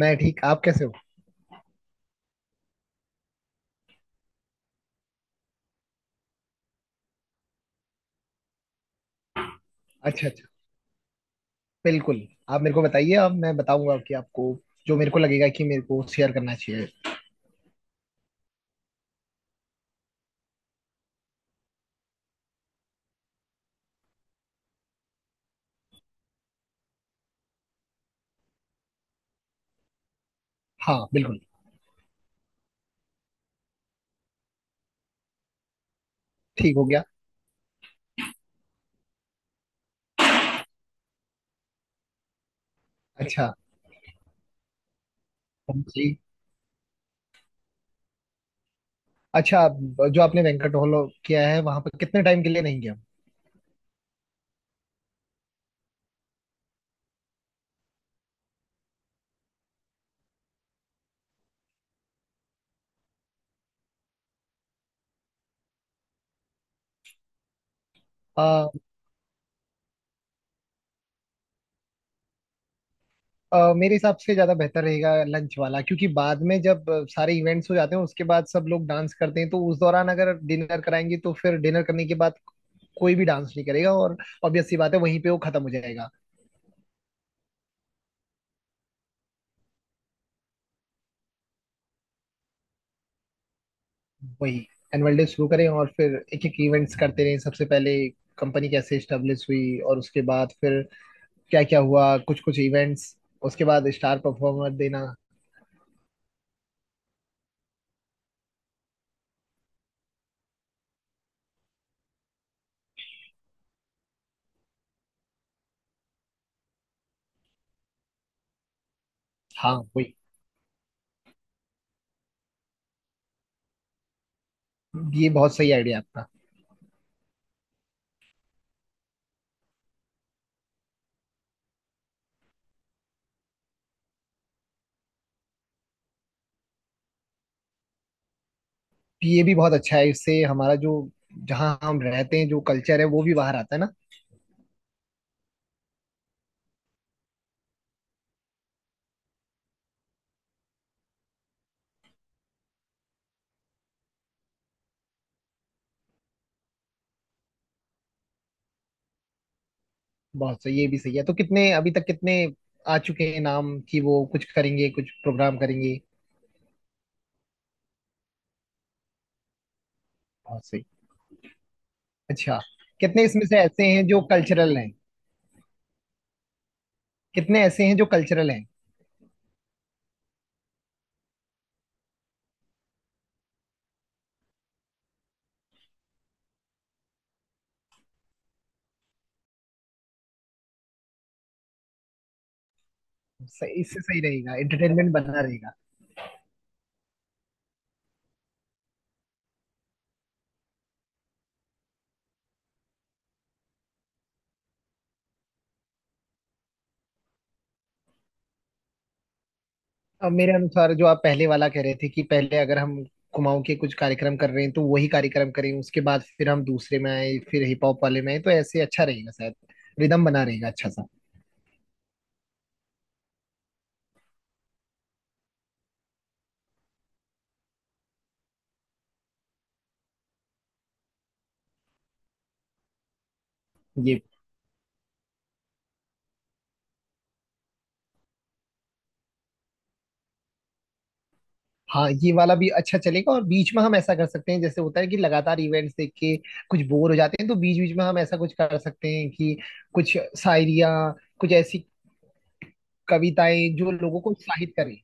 मैं ठीक। आप कैसे हो? अच्छा अच्छा। बिल्कुल। आप मेरे को बताइए, अब मैं बताऊंगा कि आपको जो मेरे को लगेगा कि मेरे को शेयर करना चाहिए। हाँ बिल्कुल। ठीक हो गया। अच्छा। जी। अच्छा, जो आपने बैंक्वेट हॉल किया है वहां पर कितने टाइम के लिए? नहीं गया। आ, आ, मेरे हिसाब से ज्यादा बेहतर रहेगा लंच वाला, क्योंकि बाद में जब सारे इवेंट्स हो जाते हैं उसके बाद सब लोग डांस करते हैं, तो उस दौरान अगर डिनर कराएंगे तो फिर डिनर करने के बाद कोई भी डांस नहीं करेगा, और ऑब्वियस सी बात है वहीं पे वो खत्म हो जाएगा। वही एनुअल डे शुरू करें और फिर एक एक इवेंट्स करते रहें। सबसे पहले कंपनी कैसे स्टेब्लिश हुई, और उसके बाद फिर क्या क्या हुआ, कुछ कुछ इवेंट्स, उसके बाद स्टार परफॉर्मर देना। हाँ वही। ये बहुत सही आइडिया आपका। ये भी बहुत अच्छा है, इससे हमारा जो जहाँ हम रहते हैं जो कल्चर है वो भी बाहर आता है ना। बहुत सही। ये भी सही है। तो कितने अभी तक कितने आ चुके हैं नाम कि वो कुछ करेंगे, कुछ प्रोग्राम करेंगे? बहुत सही। अच्छा। कितने इसमें से ऐसे हैं जो कल्चरल हैं? कितने ऐसे हैं जो कल्चरल हैं? सही, इससे सही रहेगा, एंटरटेनमेंट बना रहेगा। अब मेरे अनुसार जो आप पहले वाला कह रहे थे कि पहले अगर हम कुमाऊं के कुछ कार्यक्रम कर रहे हैं तो वही कार्यक्रम करें, उसके बाद फिर हम दूसरे में आए, फिर हिप हॉप वाले में आए, तो ऐसे अच्छा रहेगा शायद, रिदम बना रहेगा अच्छा सा। ये हाँ, ये वाला भी अच्छा चलेगा। और बीच में हम ऐसा कर सकते हैं, जैसे होता है कि लगातार इवेंट्स देख के कुछ बोर हो जाते हैं, तो बीच बीच में हम ऐसा कुछ कर सकते हैं कि कुछ शायरिया, कुछ ऐसी कविताएं जो लोगों को उत्साहित करें।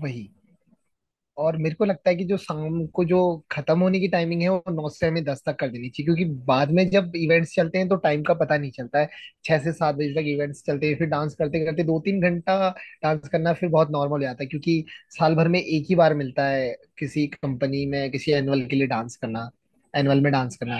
वही। और मेरे को लगता है कि जो शाम को जो खत्म होने की टाइमिंग है वो 9 से हमें 10 तक कर देनी चाहिए, क्योंकि बाद में जब इवेंट्स चलते हैं तो टाइम का पता नहीं चलता है। 6 से 7 बजे तक इवेंट्स चलते हैं, फिर डांस करते करते 2 3 घंटा डांस करना फिर बहुत नॉर्मल हो जाता है, क्योंकि साल भर में एक ही बार मिलता है किसी कंपनी में, किसी एनुअल के लिए डांस करना, एनुअल में डांस करना।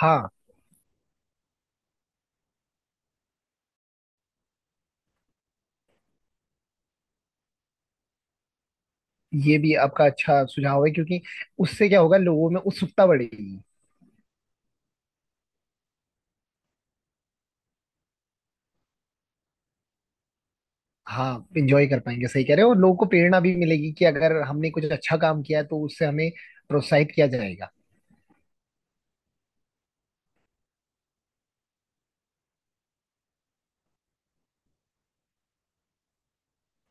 हाँ ये भी आपका अच्छा सुझाव है, क्योंकि उससे क्या होगा, लोगों में उत्सुकता बढ़ेगी। हाँ इंजॉय कर पाएंगे, सही कह रहे हो। और लोगों को प्रेरणा भी मिलेगी कि अगर हमने कुछ अच्छा काम किया है, तो उससे हमें प्रोत्साहित किया जाएगा।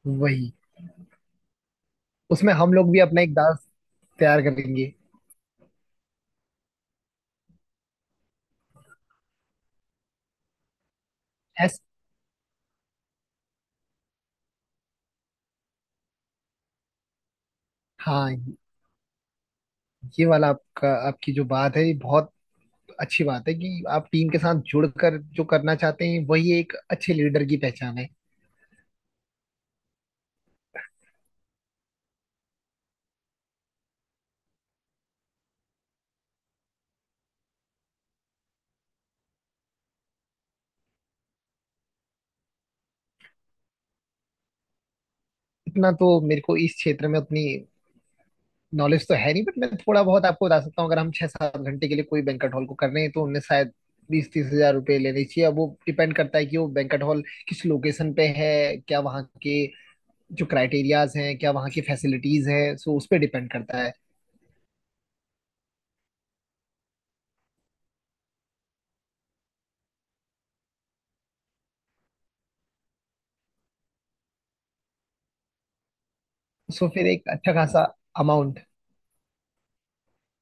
वही उसमें हम लोग भी अपना एक दांत तैयार करेंगे। एस। हाँ ये वाला आपका, आपकी जो बात है ये बहुत अच्छी बात है कि आप टीम के साथ जुड़कर जो करना चाहते हैं वही एक अच्छे लीडर की पहचान है। इतना तो मेरे को इस क्षेत्र में अपनी नॉलेज तो है नहीं, बट मैं थोड़ा बहुत आपको बता सकता हूँ। अगर हम 6 7 घंटे के लिए कोई बैंक्वेट हॉल को कर रहे हैं तो उन्हें शायद 20 30 हजार रुपये लेने चाहिए। अब वो डिपेंड करता है कि वो बैंक्वेट हॉल किस लोकेशन पे है, क्या वहाँ के जो क्राइटेरियाज हैं, क्या वहाँ की फैसिलिटीज हैं, सो उस पर डिपेंड करता है। सो फिर एक अच्छा खासा अमाउंट,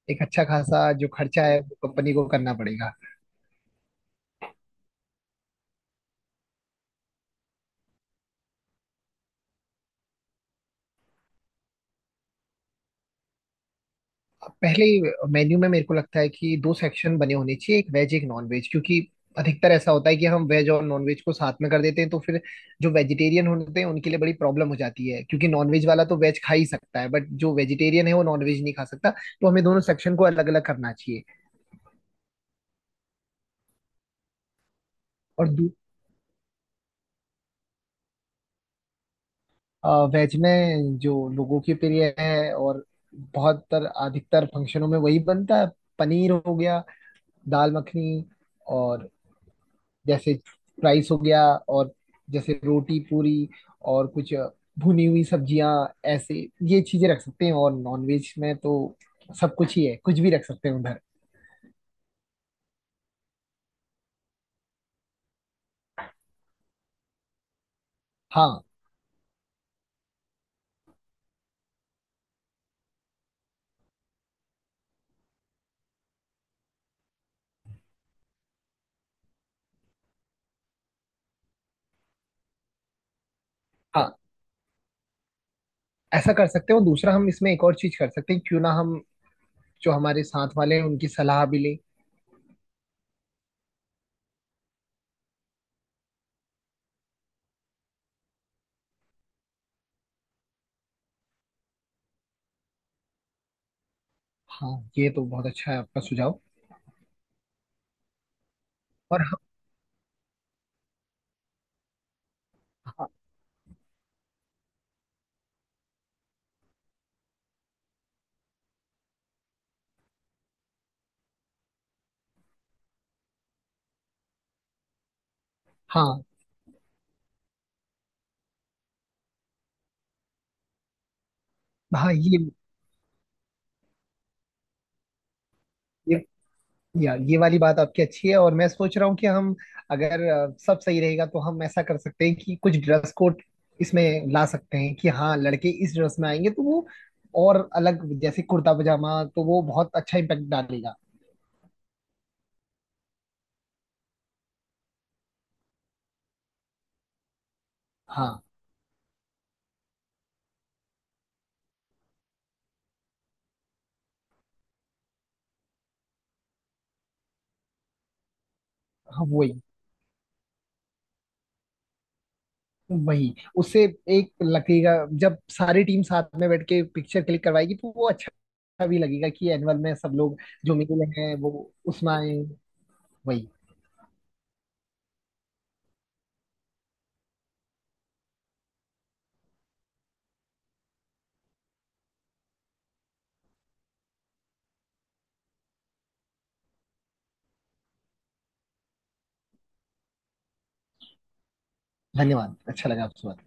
एक अच्छा खासा जो खर्चा है वो कंपनी को करना पड़ेगा। पहले मेन्यू में मेरे को लगता है कि दो सेक्शन बने होने चाहिए, एक वेज एक नॉन वेज, क्योंकि अधिकतर ऐसा होता है कि हम वेज और नॉन वेज को साथ में कर देते हैं, तो फिर जो वेजिटेरियन होते हैं उनके लिए बड़ी प्रॉब्लम हो जाती है, क्योंकि नॉन वेज वाला तो वेज खा ही सकता है, बट जो वेजिटेरियन है वो नॉन वेज नहीं खा सकता, तो हमें दोनों सेक्शन को अलग अलग करना चाहिए। और वेज में जो लोगों के प्रिय है, और बहुत तर अधिकतर फंक्शनों में वही बनता है, पनीर हो गया, दाल मखनी, और जैसे राइस हो गया, और जैसे रोटी पूरी, और कुछ भुनी हुई सब्जियां, ऐसे ये चीजें रख सकते हैं। और नॉनवेज में तो सब कुछ ही है, कुछ भी रख सकते हैं उधर। हाँ हाँ। ऐसा कर सकते हैं। और दूसरा हम इसमें एक और चीज कर सकते हैं, क्यों ना हम जो हमारे साथ वाले हैं उनकी सलाह भी लें। हाँ। ये तो बहुत अच्छा है आपका सुझाव। और हाँ। हाँ हाँ हाँ ये या ये वाली बात आपकी अच्छी है। और मैं सोच रहा हूँ कि हम, अगर सब सही रहेगा तो हम ऐसा कर सकते हैं कि कुछ ड्रेस कोड इसमें ला सकते हैं कि हाँ लड़के इस ड्रेस में आएंगे तो वो और अलग, जैसे कुर्ता पजामा, तो वो बहुत अच्छा इम्पैक्ट डालेगा। हाँ। हाँ वही। वही उससे एक लगेगा, जब सारी टीम साथ में बैठ के पिक्चर क्लिक करवाएगी तो वो अच्छा भी लगेगा कि एनुअल में सब लोग जो मिले हैं वो उसमें आए। वही। धन्यवाद, अच्छा लगा आपसे बात।